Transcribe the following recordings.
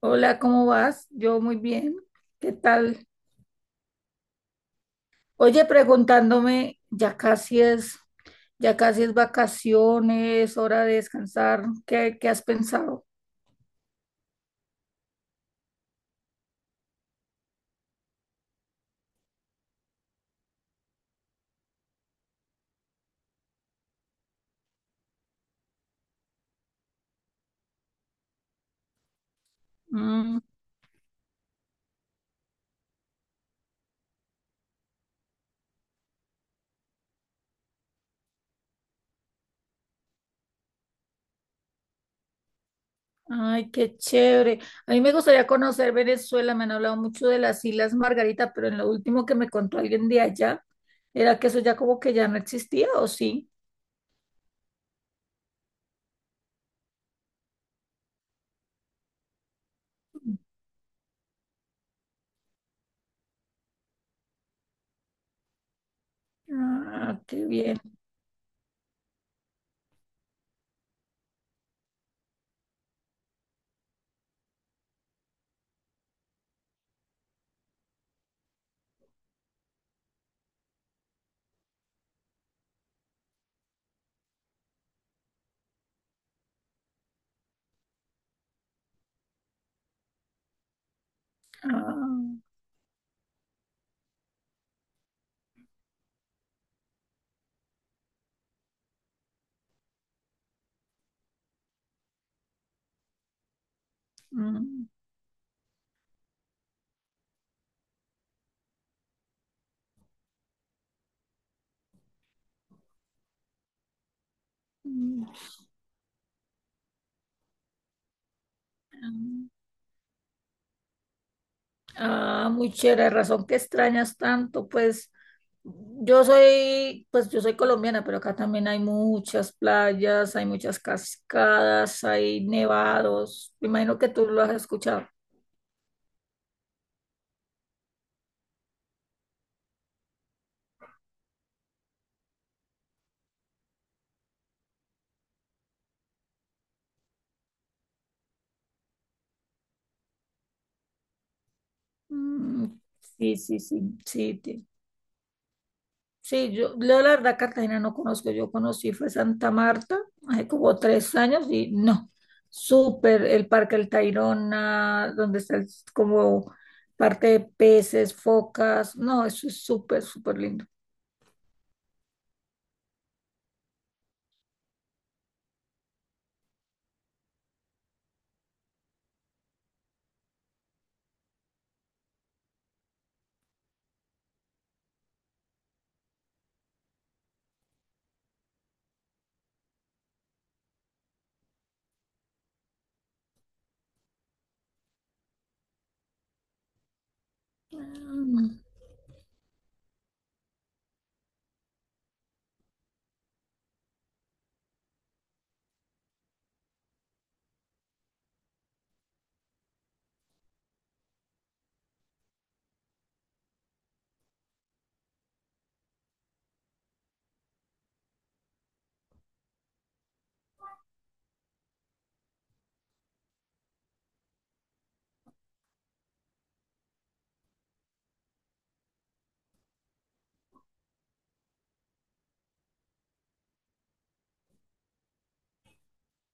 Hola, ¿cómo vas? Yo muy bien. ¿Qué tal? Oye, preguntándome, ya casi es vacaciones, hora de descansar. ¿Qué has pensado? Mm, ay, qué chévere. A mí me gustaría conocer Venezuela. Me han hablado mucho de las Islas Margarita, pero en lo último que me contó alguien de allá, era que eso ya como que ya no existía, ¿o sí? Ah, qué bien. Ah, mm, mm, ah. Ah, muy chévere, razón que extrañas tanto, pues yo soy colombiana, pero acá también hay muchas playas, hay muchas cascadas, hay nevados. Me imagino que tú lo has escuchado. Mm, sí, sí, sí, sí, sí, yo la verdad Cartagena no conozco, yo conocí fue Santa Marta hace como 3 años y no, súper el Parque El Tayrona, donde está como parte de peces, focas, no, eso es súper, súper lindo.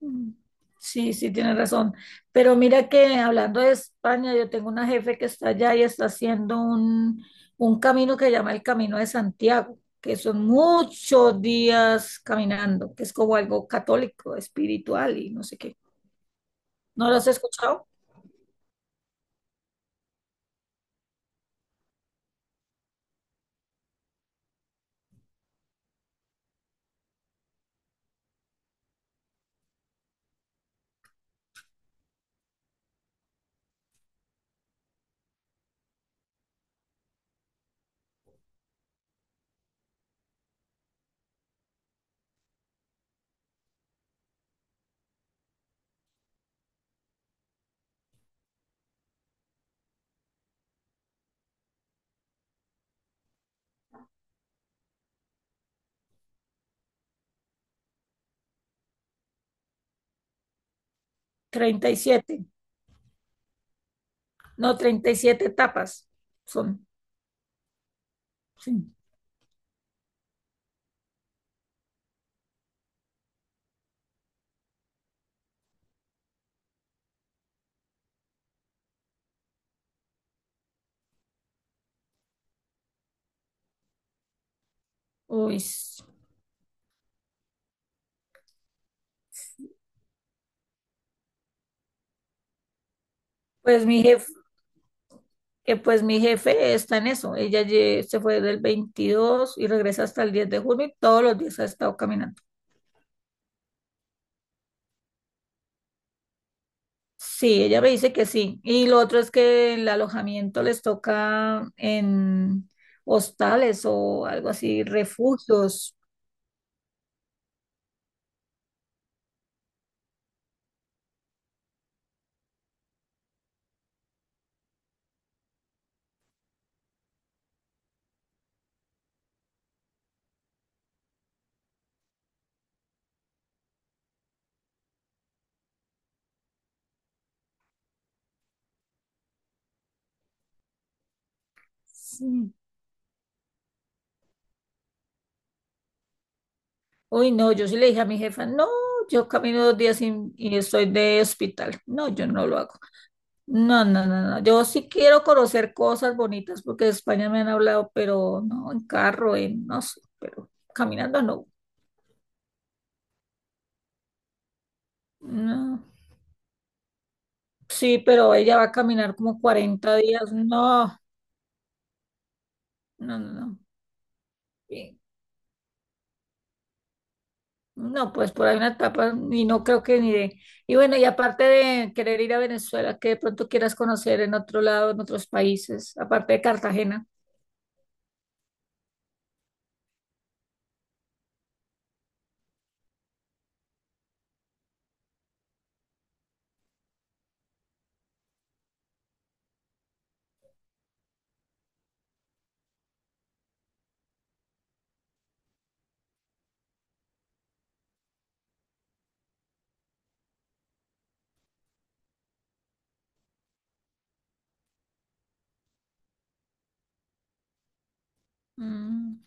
Mm, sí, sí, tienes razón. Pero mira que hablando de España, yo tengo una jefe que está allá y está haciendo un camino que llama el Camino de Santiago, que son muchos días caminando, que es como algo católico, espiritual y no sé qué. ¿No lo has escuchado? 37, no, 37 etapas son. Sí. Uy, pues mi jefe pues mi jefe está en eso. Se fue del 22 y regresa hasta el 10 de junio y todos los días ha estado caminando. Sí, ella me dice que sí. Y lo otro es que el alojamiento les toca en hostales o algo así, refugios. Sí. Uy, no, yo sí le dije a mi jefa, no, yo camino 2 días y estoy de hospital. No, yo no lo hago. No, no, no, no. Yo sí quiero conocer cosas bonitas porque de España me han hablado, pero no en carro, en no sé, pero caminando no. No. Sí, pero ella va a caminar como 40 días. No, no, no, no. Y- no, pues por ahí una etapa y no creo que ni de. Y bueno, y aparte de querer ir a Venezuela, que de pronto quieras conocer en otro lado, en otros países, aparte de Cartagena. Mm,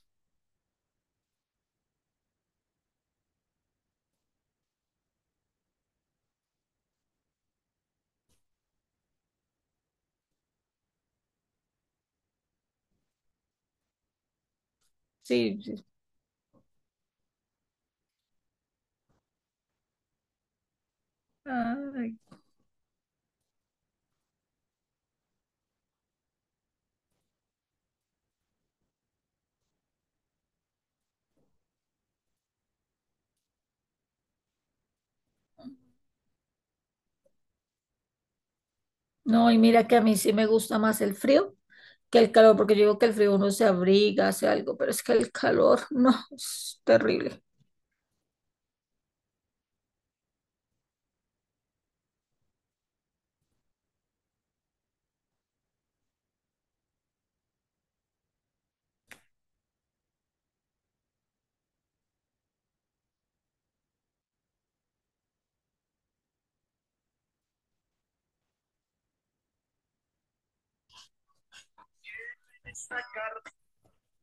sí, sí. Ay. No, y mira que a mí sí me gusta más el frío que el calor, porque yo digo que el frío uno se abriga, hace algo, pero es que el calor, no, es terrible.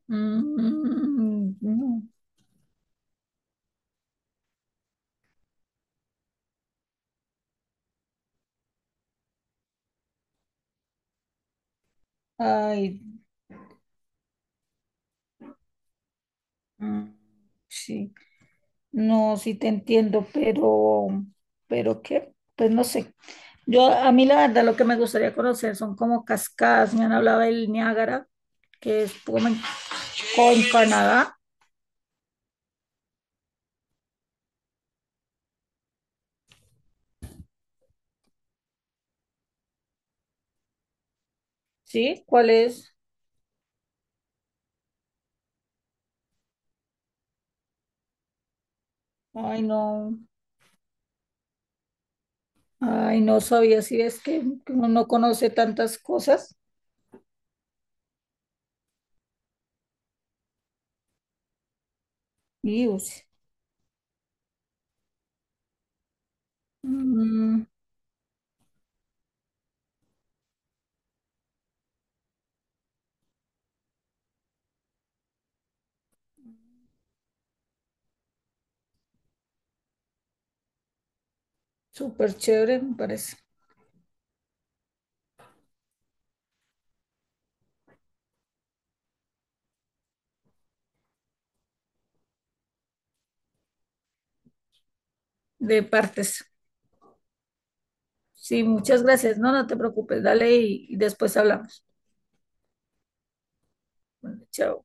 Mm, no. Ay, mm, sí, no, sí te entiendo, pero qué, pues no sé. A mí la verdad, lo que me gustaría conocer son como cascadas. Me han hablado del Niágara, que es como en, en Canadá. ¿Sí? ¿Cuál es? Ay, no. Ay, no sabía si es que uno no conoce tantas cosas. Y pues, mm, súper chévere, me parece. De partes. Sí, muchas gracias. No, no te preocupes. Dale y después hablamos. Bueno, chao.